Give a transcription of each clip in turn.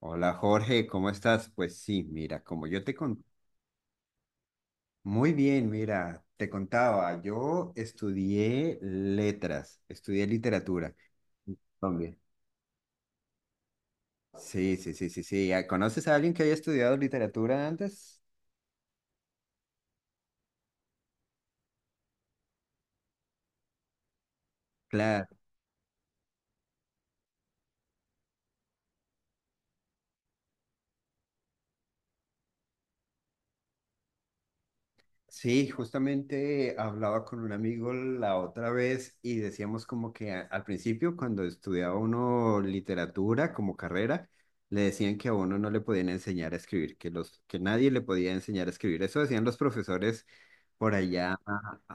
Hola Jorge, ¿cómo estás? Pues sí, mira, como yo te conté, muy bien, mira, te contaba, yo estudié letras, estudié literatura. También. Sí, sí, sí, sí, sí. Ah, ¿conoces a alguien que haya estudiado literatura antes? Claro. Sí, justamente hablaba con un amigo la otra vez y decíamos como que al principio cuando estudiaba uno literatura como carrera, le decían que a uno no le podían enseñar a escribir, que los que nadie le podía enseñar a escribir. Eso decían los profesores por allá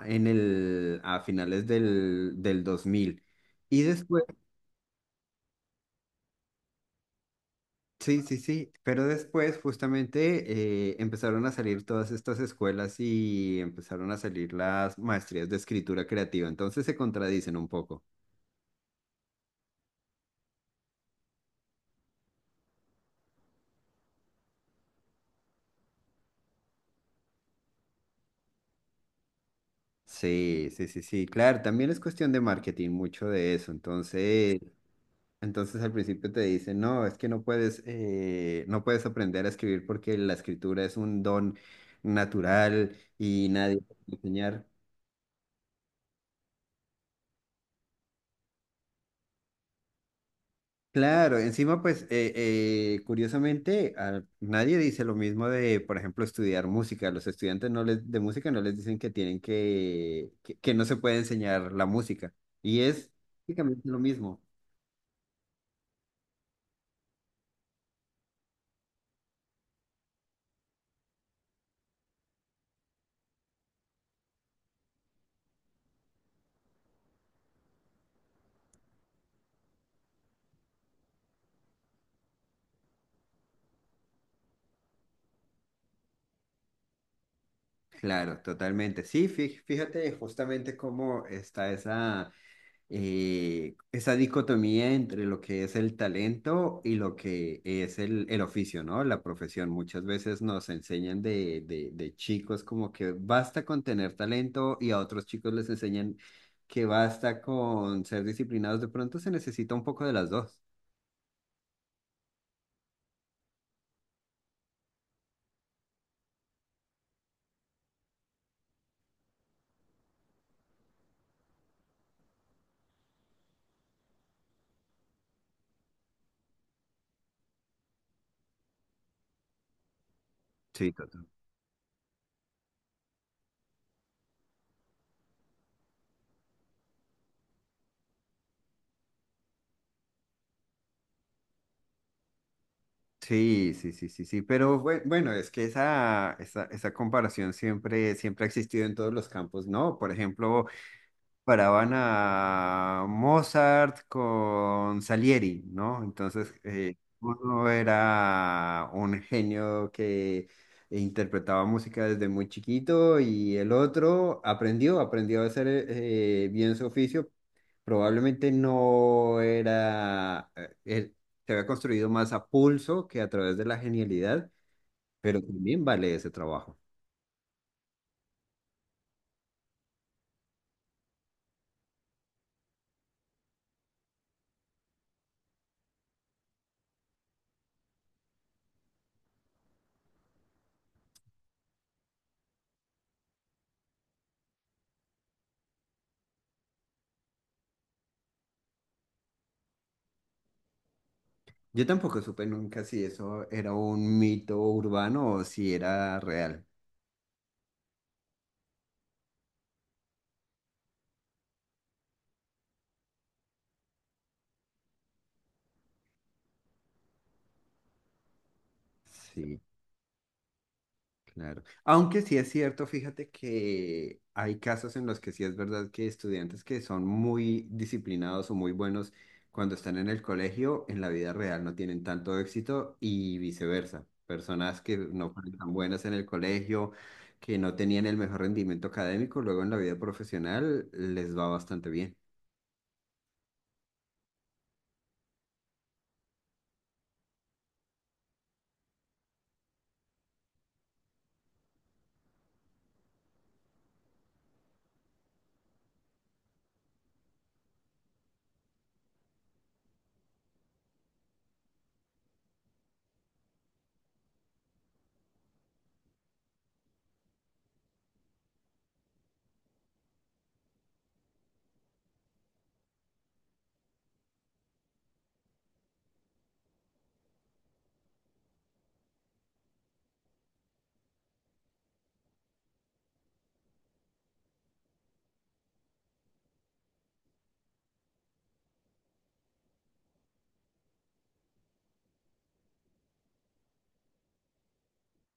en el a finales del 2000. Y después sí, sí, sí, pero después justamente empezaron a salir todas estas escuelas y empezaron a salir las maestrías de escritura creativa, entonces se contradicen un poco. Sí, sí, sí, sí, claro, también es cuestión de marketing, mucho de eso, entonces, entonces al principio te dicen, no, es que no puedes, no puedes aprender a escribir porque la escritura es un don natural y nadie te va a enseñar. Claro, encima pues curiosamente a nadie dice lo mismo de, por ejemplo, estudiar música. Los estudiantes no les, de música no les dicen que tienen que no se puede enseñar la música. Y es prácticamente lo mismo. Claro, totalmente. Sí, fíjate justamente cómo está esa, esa dicotomía entre lo que es el talento y lo que es el oficio, ¿no? La profesión. Muchas veces nos enseñan de chicos como que basta con tener talento y a otros chicos les enseñan que basta con ser disciplinados. De pronto se necesita un poco de las dos. Sí, total. Sí, sí, sí, sí, sí, pero bueno, es que esa comparación siempre, siempre ha existido en todos los campos, ¿no? Por ejemplo, Caravana Mozart con Salieri, ¿no? Entonces, uno era un genio que interpretaba música desde muy chiquito y el otro aprendió, aprendió a hacer bien su oficio. Probablemente no era, él se había construido más a pulso que a través de la genialidad, pero también vale ese trabajo. Yo tampoco supe nunca si eso era un mito urbano o si era real. Sí, claro. Aunque sí es cierto, fíjate que hay casos en los que sí es verdad que estudiantes que son muy disciplinados o muy buenos cuando están en el colegio, en la vida real no tienen tanto éxito y viceversa. Personas que no fueron tan buenas en el colegio, que no tenían el mejor rendimiento académico, luego en la vida profesional les va bastante bien.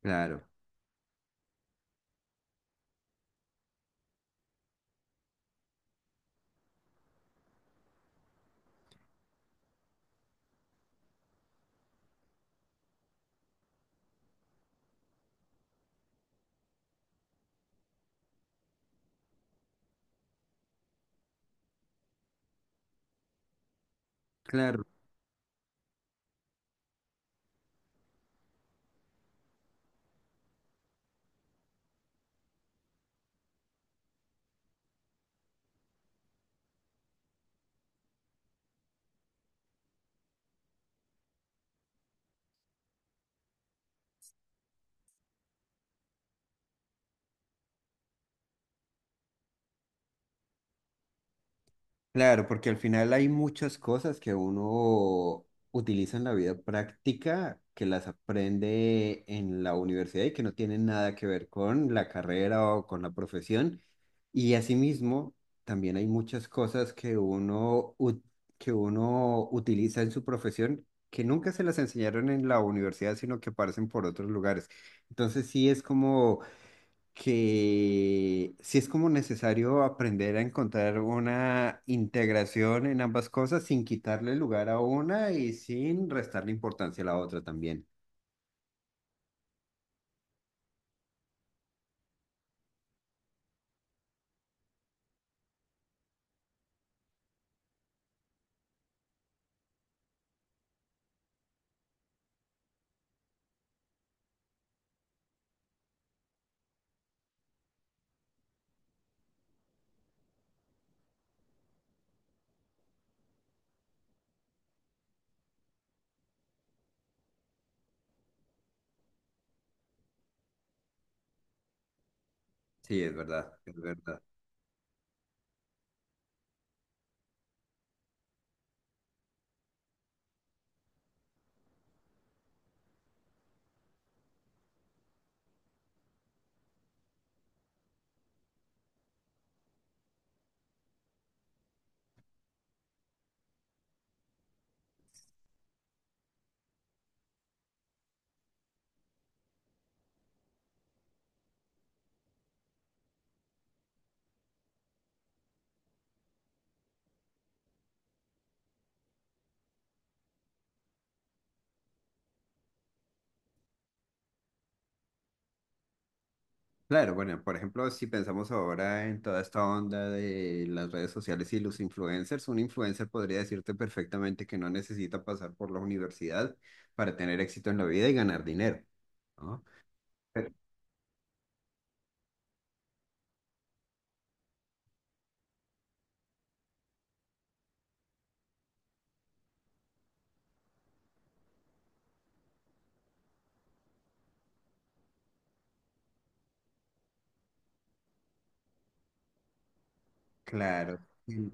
Claro. Claro, claro, porque al final hay muchas cosas que uno utiliza en la vida práctica, que las aprende en la universidad y que no tienen nada que ver con la carrera o con la profesión. Y asimismo, también hay muchas cosas que que uno utiliza en su profesión que nunca se las enseñaron en la universidad, sino que aparecen por otros lugares. Entonces sí es como que sí es como necesario aprender a encontrar una integración en ambas cosas sin quitarle lugar a una y sin restarle importancia a la otra también. Sí, es verdad, es verdad. Claro, bueno, por ejemplo, si pensamos ahora en toda esta onda de las redes sociales y los influencers, un influencer podría decirte perfectamente que no necesita pasar por la universidad para tener éxito en la vida y ganar dinero, ¿no? Pero, claro. Sí.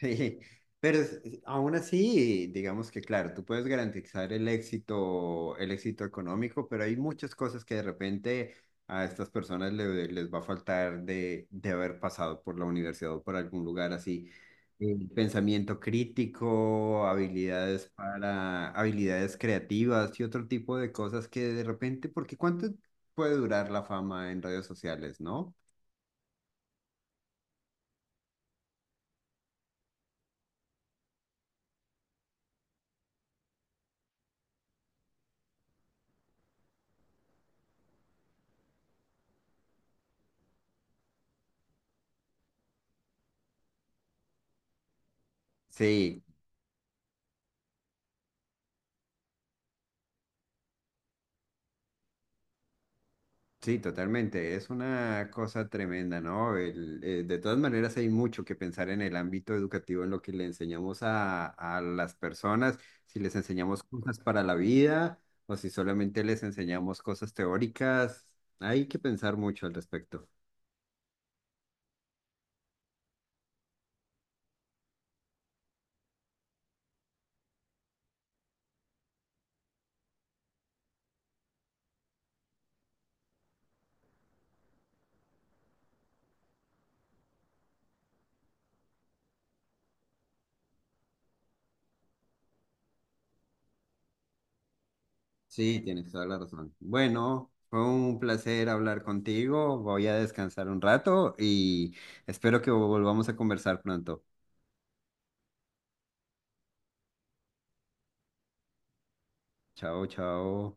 Sí, pero aún así, digamos que claro, tú puedes garantizar el éxito económico, pero hay muchas cosas que de repente a estas personas les va a faltar de haber pasado por la universidad o por algún lugar así. Pensamiento crítico, habilidades para, habilidades creativas y otro tipo de cosas que de repente, porque ¿cuánto puede durar la fama en redes sociales, no? Sí. Sí, totalmente. Es una cosa tremenda, ¿no? El, de todas maneras, hay mucho que pensar en el ámbito educativo, en lo que le enseñamos a las personas, si les enseñamos cosas para la vida o si solamente les enseñamos cosas teóricas. Hay que pensar mucho al respecto. Sí, tienes toda la razón. Bueno, fue un placer hablar contigo. Voy a descansar un rato y espero que volvamos a conversar pronto. Chao, chao.